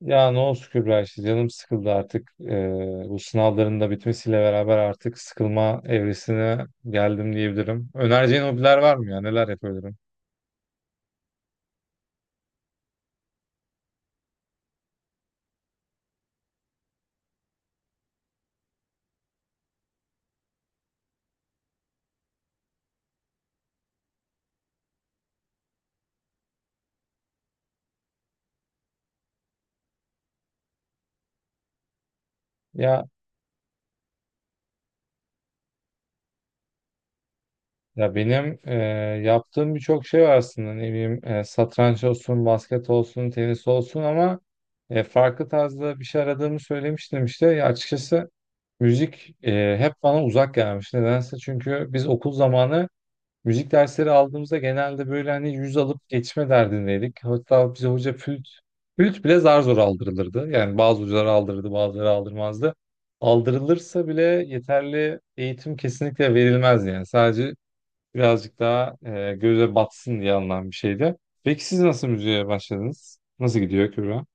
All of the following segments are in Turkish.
Ya ne olsun Kübra işte canım sıkıldı artık. Bu sınavların da bitmesiyle beraber artık sıkılma evresine geldim diyebilirim. Önereceğin hobiler var mı ya? Neler yapabilirim? Ya ya benim yaptığım birçok şey var aslında. Ne bileyim satranç olsun, basket olsun, tenis olsun ama farklı tarzda bir şey aradığımı söylemiştim işte. Ya açıkçası müzik hep bana uzak gelmiş. Nedense, çünkü biz okul zamanı müzik dersleri aldığımızda genelde böyle hani 100 alıp geçme derdindeydik. Hatta bize hoca flüt bile zar zor aldırılırdı. Yani bazı hocalar aldırırdı, bazıları aldırmazdı. Aldırılırsa bile yeterli eğitim kesinlikle verilmez yani. Sadece birazcık daha göze batsın diye alınan bir şeydi. Peki siz nasıl müziğe başladınız? Nasıl gidiyor Kübra?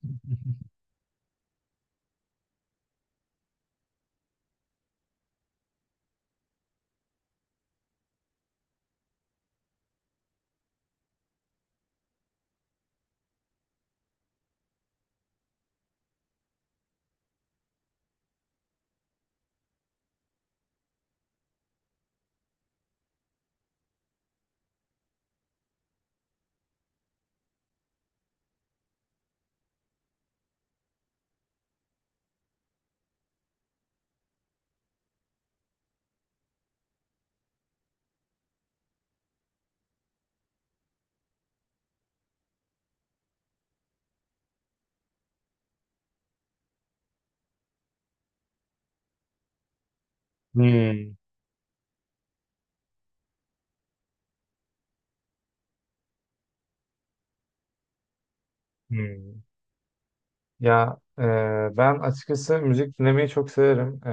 Hmm, hmm. Ya ben açıkçası müzik dinlemeyi çok severim. E,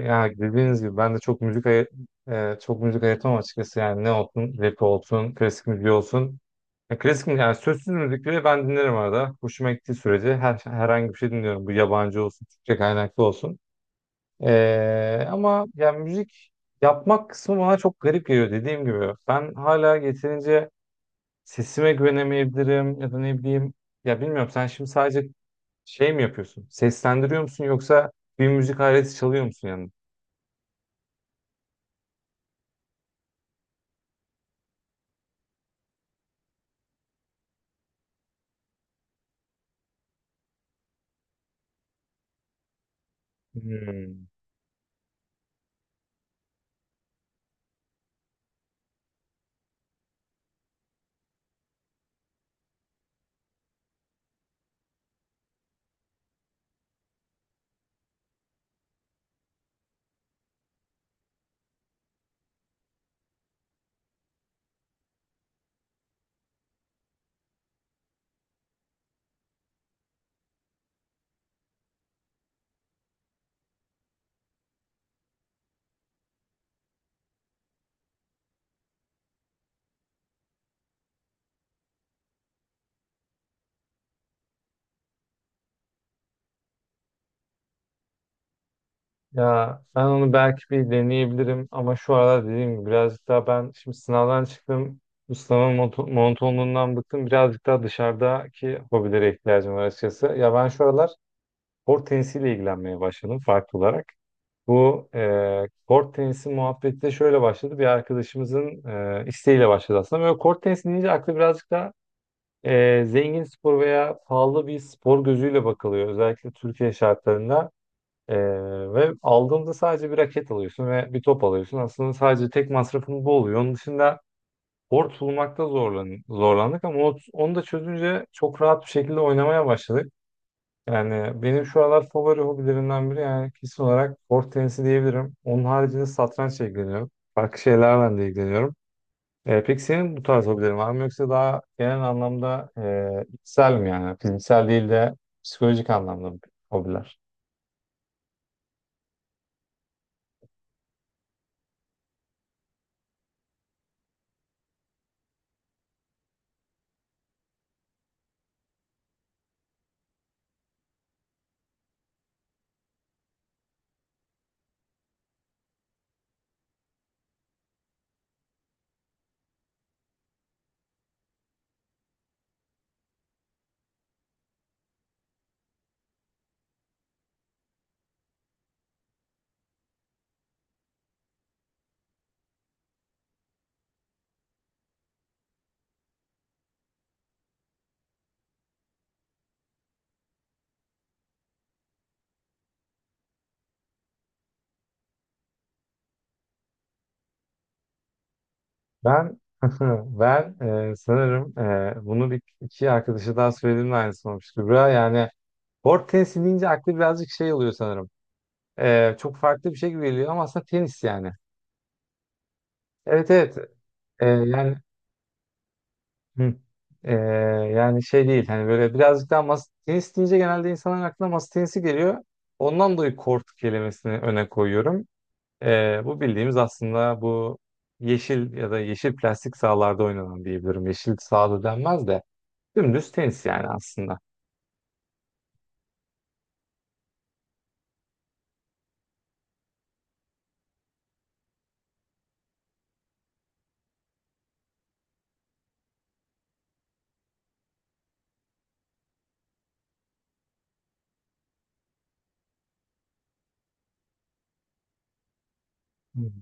ya dediğiniz gibi ben de çok çok müzik ayırtamam açıkçası. Yani ne olsun, rap olsun, klasik müzik olsun. Ya yani sözsüz müzik bile ben dinlerim arada. Hoşuma gittiği sürece herhangi bir şey dinliyorum. Bu yabancı olsun, Türkçe kaynaklı olsun. E, ama yani müzik yapmak kısmı bana çok garip geliyor dediğim gibi. Ben hala yeterince sesime güvenemeyebilirim ya da ne bileyim. Ya bilmiyorum sen şimdi sadece şey mi yapıyorsun? Seslendiriyor musun yoksa bir müzik aleti çalıyor musun yanında? Hmm. Ya ben onu belki bir deneyebilirim ama şu aralar dediğim gibi birazcık daha ben şimdi sınavdan çıktım. Bu sınavın monotonluğundan bıktım. Birazcık daha dışarıdaki hobilere ihtiyacım var açıkçası. Ya ben şu aralar kort tenisiyle ilgilenmeye başladım farklı olarak. Bu kort tenisi muhabbeti de şöyle başladı. Bir arkadaşımızın isteğiyle başladı aslında. Böyle kort tenisi deyince aklı birazcık da zengin spor veya pahalı bir spor gözüyle bakılıyor. Özellikle Türkiye şartlarında. E, Ve aldığımda sadece bir raket alıyorsun ve bir top alıyorsun. Aslında sadece tek masrafın bu oluyor. Onun dışında kort bulmakta zorlandık ama onu da çözünce çok rahat bir şekilde oynamaya başladık. Yani benim şu aralar favori hobilerimden biri yani kesin olarak kort tenisi diyebilirim. Onun haricinde satrançla ilgileniyorum. Farklı şeylerle de ilgileniyorum. E, peki senin bu tarz hobilerin var mı, yoksa daha genel anlamda içsel mi, yani fiziksel değil de psikolojik anlamda hobiler? Ben ben sanırım bunu bir iki arkadaşa daha söylediğimde aynısı olmuştu. Kübra yani board tenisi deyince aklı birazcık şey oluyor sanırım. E, çok farklı bir şey gibi geliyor ama aslında tenis yani. Evet, evet. E, yani hı. E, yani şey değil hani böyle birazcık daha masa tenis deyince genelde insanların aklına masa tenisi geliyor. Ondan dolayı kort kelimesini öne koyuyorum. E, bu bildiğimiz aslında bu yeşil ya da yeşil plastik sahalarda oynanan diyebilirim. Yeşil sahada denmez de. Dümdüz tenis yani aslında. Hmm.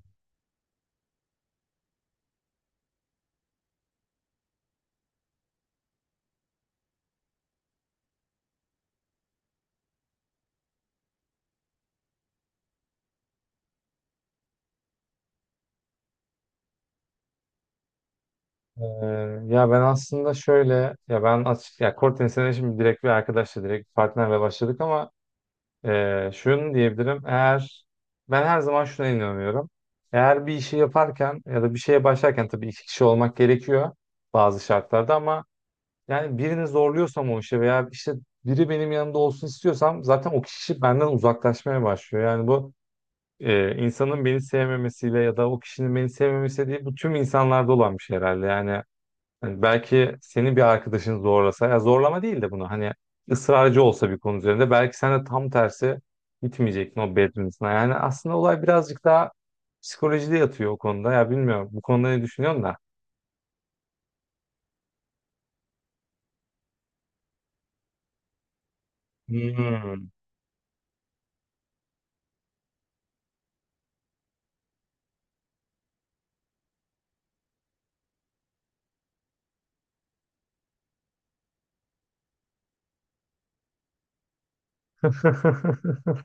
Ee, Ya ben aslında şöyle, ya ben açık ya kort tenisine şimdi direkt bir arkadaşla direkt partnerle başladık ama şunu diyebilirim, eğer ben her zaman şuna inanıyorum: eğer bir işi yaparken ya da bir şeye başlarken tabii iki kişi olmak gerekiyor bazı şartlarda, ama yani birini zorluyorsam o işe veya işte biri benim yanımda olsun istiyorsam zaten o kişi benden uzaklaşmaya başlıyor. Yani bu insanın beni sevmemesiyle ya da o kişinin beni sevmemesi değil, bu tüm insanlarda olan bir şey herhalde. Yani hani belki senin bir arkadaşın zorlasa, ya zorlama değil de bunu hani ısrarcı olsa bir konu üzerinde, belki sen de tam tersi gitmeyecektin o bedrinizine. Yani aslında olay birazcık daha psikolojide yatıyor o konuda. Ya bilmiyorum bu konuda ne düşünüyorsun da. Hmm.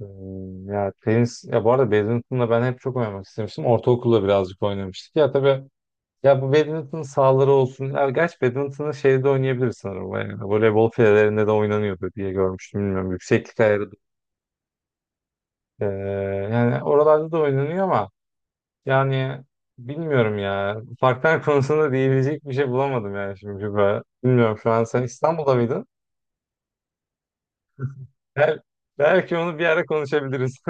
Hmm, ya tenis, ya bu arada badminton'la ben hep çok oynamak istemiştim. Ortaokulda birazcık oynamıştık. Ya tabii, ya bu badminton sahaları olsun. Ya gerçi badminton'ı şeyde oynayabilir sanırım. Yani voleybol filelerinde de oynanıyordu diye görmüştüm. Bilmiyorum. Yükseklik ayarı. Ee, Yani oralarda da oynanıyor ama yani bilmiyorum ya. Parklar konusunda diyebilecek bir şey bulamadım yani şimdi. Bilmiyorum, şu an sen İstanbul'da mıydın? Bel belki onu bir ara konuşabiliriz.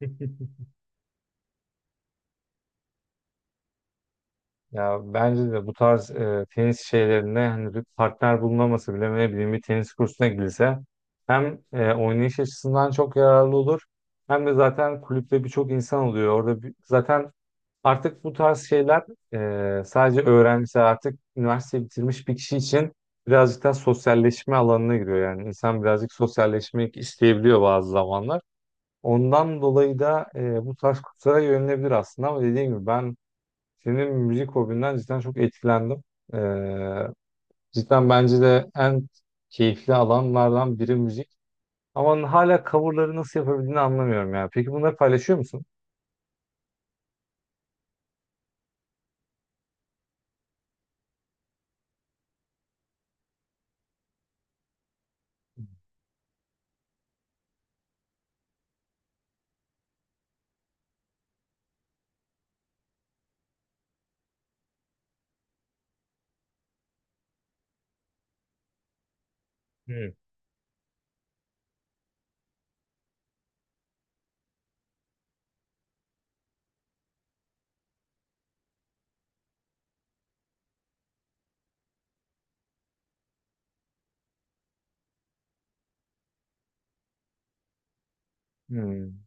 Ya bence de bu tarz tenis şeylerinde hani bir partner bulunaması bile, ne bileyim, bir tenis kursuna gidilse hem oynayış açısından çok yararlı olur, hem de zaten kulüpte birçok insan oluyor. Orada zaten artık bu tarz şeyler sadece öğrenci, artık üniversite bitirmiş bir kişi için birazcık daha sosyalleşme alanına giriyor. Yani insan birazcık sosyalleşmek isteyebiliyor bazı zamanlar. Ondan dolayı da bu tarz kurslara yönelebilir aslında, ama dediğim gibi ben senin müzik hobinden cidden çok etkilendim. Ee, Cidden bence de en keyifli alanlardan biri müzik. Ama hala coverları nasıl yapabildiğini anlamıyorum ya. Peki bunları paylaşıyor musun? Hmm. Hmm.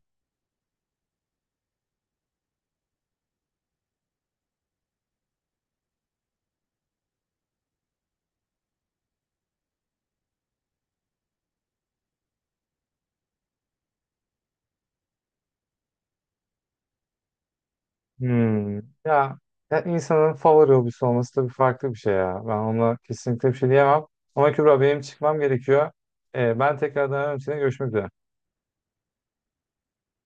Hmm. Ya, ya insanın favori hobisi olması tabii farklı bir şey ya. Ben ona kesinlikle bir şey diyemem. Ama Kübra benim çıkmam gerekiyor. Ben tekrardan, önemli, görüşmek üzere.